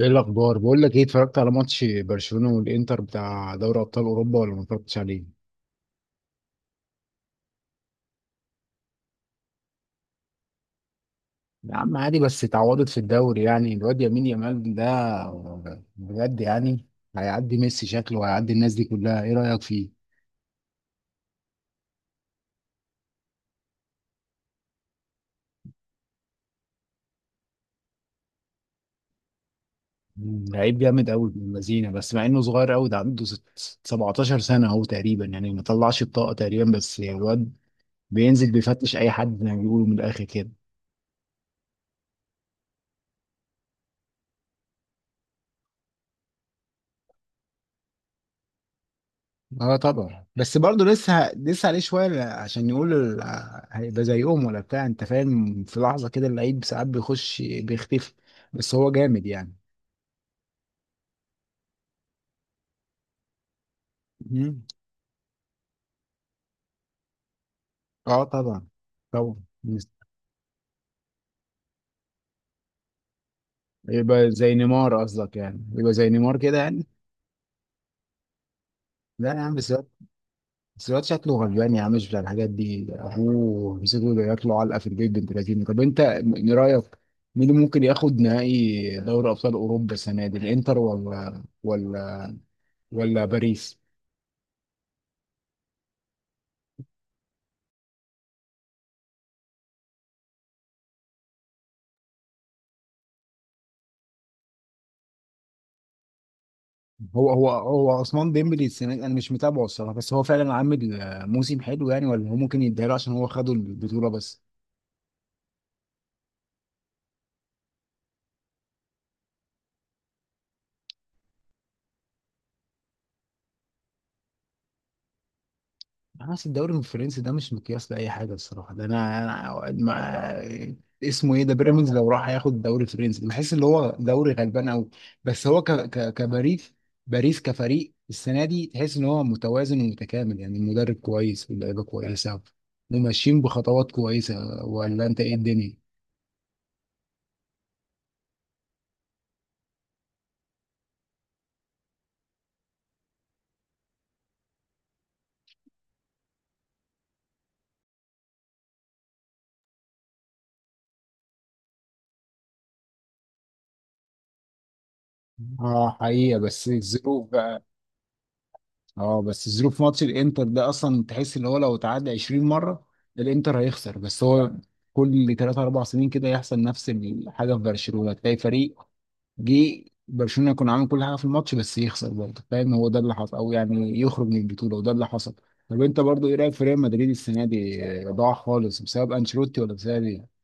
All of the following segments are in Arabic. ايه الاخبار؟ بقول لك، ايه اتفرجت على ماتش برشلونه والانتر بتاع دوري ابطال اوروبا ولا ما اتفرجتش عليه؟ يا عم عادي، بس اتعوضت في الدوري. يعني الواد يمين يامال ده بجد يعني هيعدي ميسي شكله، وهيعدي الناس دي كلها. ايه رايك فيه؟ لعيب جامد قوي من المزينه، بس مع انه صغير قوي، ده عنده 17 سنه اهو تقريبا. يعني ما طلعش الطاقه تقريبا، بس الواد بينزل بيفتش اي حد زي ما بيقولوا من الاخر كده. اه طبعا، بس برضه لسه عليه شويه عشان يقول هيبقى زيهم ولا بتاع، انت فاهم؟ في لحظه كده اللعيب ساعات بيخش بيختفي، بس هو جامد يعني. مم. اه طبعا، طبعا. يبقى زي نيمار قصدك؟ يعني يبقى زي نيمار كده يعني. لا يا عم، بس الواد شكله غلبان يا عم، مش بتاع الحاجات دي. ابوه مسكه ياكله علقه في البيت، بنت لذينه. طب انت من رايك مين اللي ممكن ياخد نهائي دوري ابطال اوروبا السنه دي؟ الانتر ولا باريس؟ هو عثمان ديمبلي السنه دي، انا مش متابعه الصراحه، بس هو فعلا عامل موسم حلو يعني، ولا هو ممكن يديها له عشان هو خدوا البطوله بس؟ بس الدوري الفرنسي ده مش مقياس لاي حاجه الصراحه. ده انا ما اسمه ايه، ده بيراميدز لو راح ياخد الدوري الفرنسي بحس اللي هو دوري غلبان قوي. بس هو ك ك كباريس باريس كفريق السنه دي تحس ان هو متوازن ومتكامل يعني، المدرب كويس، واللعيبه كويسه، وماشيين بخطوات كويسه. ولا انت ايه الدنيا؟ اه حقيقة، بس الظروف بقى. اه بس ظروف ماتش الانتر ده اصلا، تحس اللي هو لو اتعدى 20 مره الانتر هيخسر، بس هو كل 3 4 سنين كده يحصل نفس الحاجه في برشلونه. تلاقي فريق جه برشلونه يكون عامل كل حاجه في الماتش بس يخسر برضه، فاهم؟ هو ده اللي حصل، او يعني يخرج من البطوله وده اللي حصل. طب انت برضه ايه رايك في ريال مدريد السنه دي؟ ضاع خالص بسبب انشيلوتي ولا بسبب ايه؟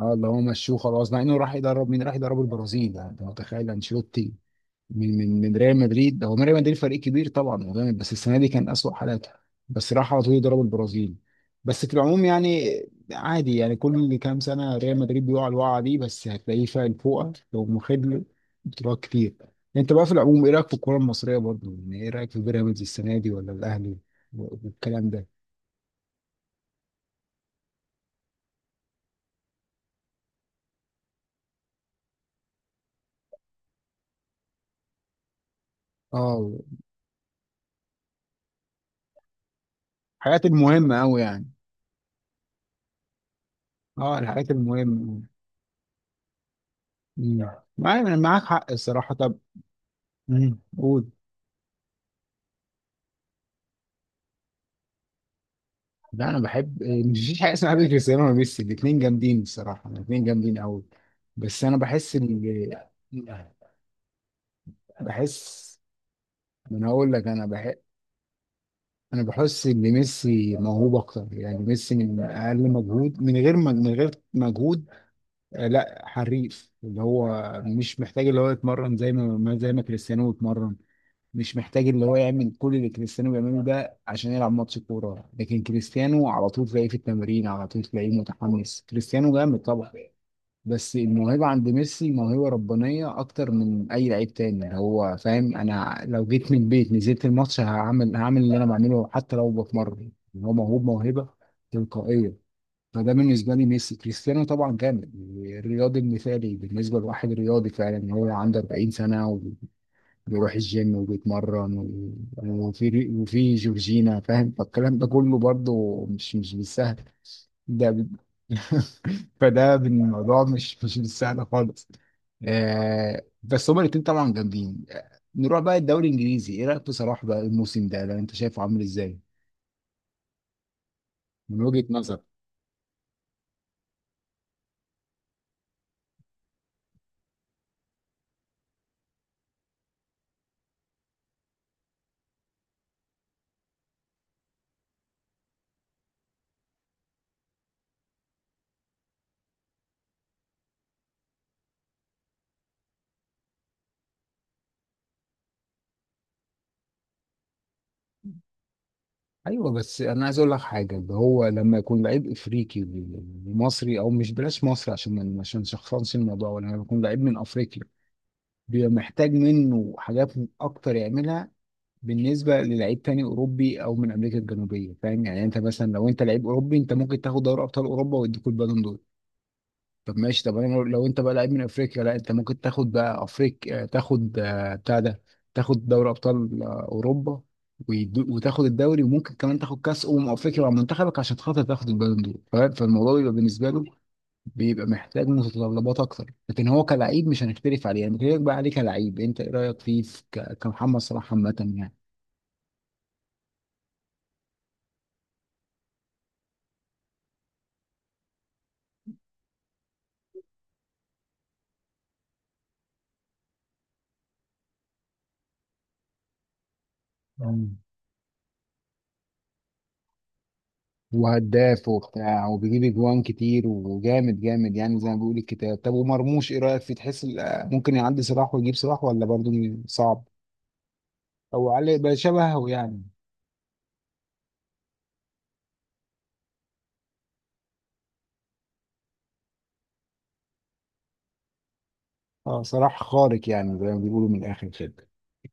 اه، اللي هو مشوه خلاص. مع انه راح يدرب مين؟ راح يدرب البرازيل. يعني انت متخيل انشيلوتي من ريال مدريد؟ هو ريال مدريد فريق كبير طبعا، هو جامد، بس السنه دي كان أسوأ حالاته. بس راح على طول ضرب البرازيل. بس في العموم يعني عادي، يعني كل كام سنه ريال مدريد بيقع الوقعه دي، بس هتلاقيه فايق فوقه، لو مخد له بطولات كتير. انت بقى في العموم ايه رايك في الكوره المصريه برضه؟ يعني ايه رايك في بيراميدز السنه دي ولا الاهلي والكلام ده؟ اه الحاجات المهمه قوي يعني. اه الحاجات المهمه. مم. معايا، انا معاك حق الصراحه. طب مم. قول. لا، انا بحب مفيش حاجه اسمها بحب كريستيانو وميسي، الاثنين جامدين الصراحه، الاثنين جامدين قوي. بس انا بحس ان بحس ما انا اقول لك، انا بحب، انا بحس ان ميسي موهوب اكتر يعني. ميسي من اقل مجهود، من غير من غير مجهود، لا حريف. اللي هو مش محتاج اللي هو يتمرن زي ما زي ما كريستيانو بيتمرن. مش محتاج اللي هو يعمل كل اللي كريستيانو بيعمله ده عشان يلعب ماتش كورة. لكن كريستيانو على طول تلاقيه في التمرين، على طول تلاقيه متحمس. كريستيانو جامد طبعا، بس الموهبة عند ميسي موهبة ربانية أكتر من أي لعيب تاني، اللي هو فاهم أنا لو جيت من البيت نزلت الماتش هعمل اللي أنا بعمله حتى لو بتمرن. يعني هو موهوب موهبة تلقائية. فده بالنسبة لي ميسي. كريستيانو طبعا جامد، الرياضي المثالي بالنسبة لواحد رياضي فعلا، إن هو عنده 40 سنة بيروح الجيم وبيتمرن وفي جورجينا، فاهم؟ فالكلام ده كله برضه مش بالسهل. ده ب... فده الموضوع مش بالسهل خالص. آه بس هما الاتنين طبعا جامدين. نروح بقى الدوري الانجليزي. ايه رايك في صلاح بقى الموسم ده، لو انت شايفه عامل ازاي من وجهة نظر؟ ايوه، بس انا عايز اقول لك حاجه. اللي هو لما يكون لعيب افريقي ومصري، او مش بلاش مصري عشان ما عشان شخصنش الموضوع، ولا لما يكون لعيب من افريقيا، بيبقى محتاج منه حاجات اكتر يعملها بالنسبه للعيب تاني اوروبي او من امريكا الجنوبيه، فاهم يعني؟ انت مثلا لو انت لعيب اوروبي، انت ممكن تاخد دوري ابطال اوروبا ويديك البالون دور. طب ماشي، طب انا لو، لو انت بقى لعيب من افريقيا، لا، انت ممكن تاخد بقى افريقيا، تاخد بتاع ده، تاخد دوري ابطال اوروبا، وتاخد الدوري، وممكن كمان تاخد كاس افريقيا مع منتخبك عشان خاطر تاخد البالون دور، فاهم؟ فالموضوع بيبقى بالنسبه له بيبقى محتاج متطلبات اكتر. لكن هو كلعيب مش هنختلف عليه يعني. بكلمك بقى عليه كلعيب، انت ايه رايك فيه في كمحمد صلاح عامه يعني؟ مم. وهداف وبتاع وبيجيب اجوان كتير وجامد جامد يعني، زي ما بيقول الكتاب. طب ومرموش ايه رايك فيه؟ تحس ممكن يعدي صلاح ويجيب صلاح، ولا برضه صعب، او علي بقى شبهه يعني؟ اه صلاح خارق يعني، زي ما بيقولوا من الاخر كده،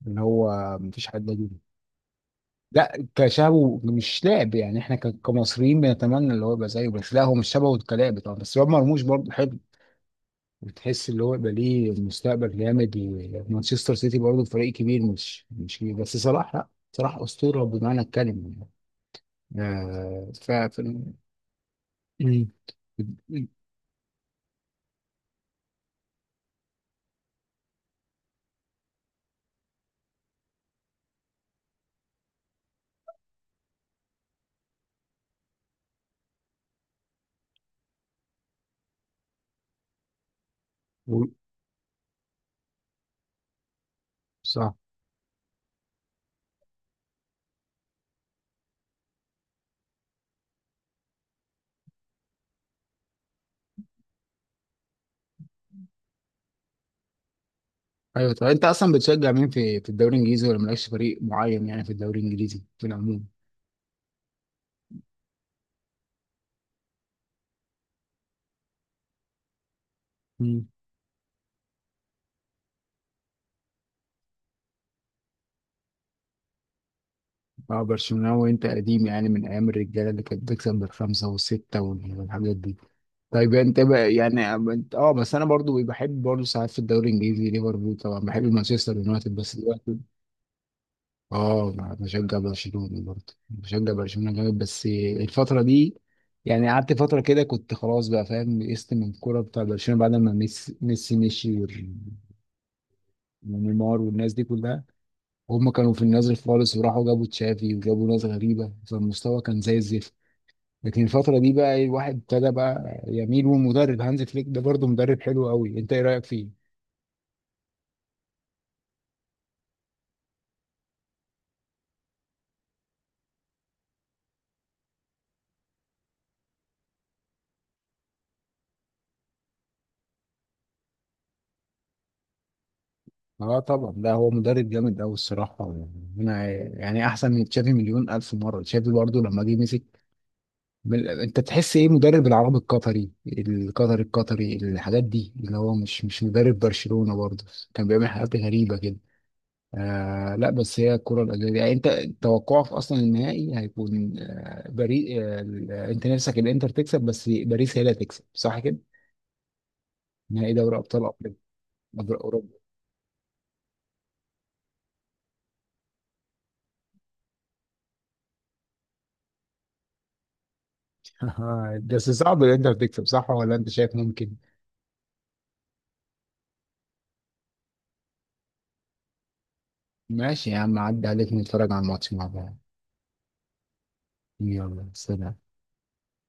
اللي هو مفيش حد. لا، كشبه مش لاعب يعني، احنا كمصريين بنتمنى اللي هو يبقى زيه، بس لا، هو مش شبهه كلاعب طبعا. بس رياض مرموش برضه حلو وتحس اللي هو يبقى ليه مستقبل جامد، ومانشستر سيتي برضه فريق كبير، مش كبير، بس صلاح، لا، صلاح اسطوره بمعنى الكلمه يعني. آه ف ف- مم. و- صح. ايوه، طب انت اصلا بتشجع مين في الدوري الانجليزي، ولا مالكش فريق معين يعني في الدوري الانجليزي في العموم؟ اه برشلونة. وانت قديم يعني من ايام الرجاله اللي كانت بتكسب بالخمسه والسته والحاجات دي. طيب انت بقى يعني، اه بس انا برضو بحب برضو ساعات في الدوري الانجليزي ليفربول، طبعا بحب مانشستر يونايتد بس دلوقتي. اه بشجع برشلونه، برضو بشجع برشلونه جامد. بس الفتره دي يعني قعدت فتره كده كنت خلاص بقى، فاهم؟ يئست من الكوره بتاع برشلونه بعد ما ميسي مشي، ونيمار والناس دي كلها. هم كانوا في النازل خالص، وراحوا جابوا تشافي وجابوا ناس غريبه، فالمستوى كان زي الزفت. لكن الفترة دي بقى الواحد ابتدى بقى يميل. والمدرب هانز فليك ده برضه مدرب حلو قوي، انت ايه رأيك فيه؟ اه طبعا، لا هو مدرب جامد قوي الصراحة يعني. انا يعني احسن من تشافي مليون الف مرة. تشافي برضه لما جه مسك انت تحس ايه، مدرب العرب القطري، الحاجات دي، اللي هو مش مش مدرب برشلونة برضه، كان بيعمل حاجات غريبة كده. آه لا، بس هي الكرة الأرضية يعني. أنت توقعك أصلا النهائي هيكون باريس، أنت نفسك الإنتر تكسب، بس باريس هي اللي هتكسب، صح كده؟ نهائي دوري أبطال أوروبا. بس صعب الإنتر تكسب، صح ولا أنت شايف ممكن؟ ماشي يا عم، عدي عليك نتفرج على الماتش مع بعض. يلا سلام.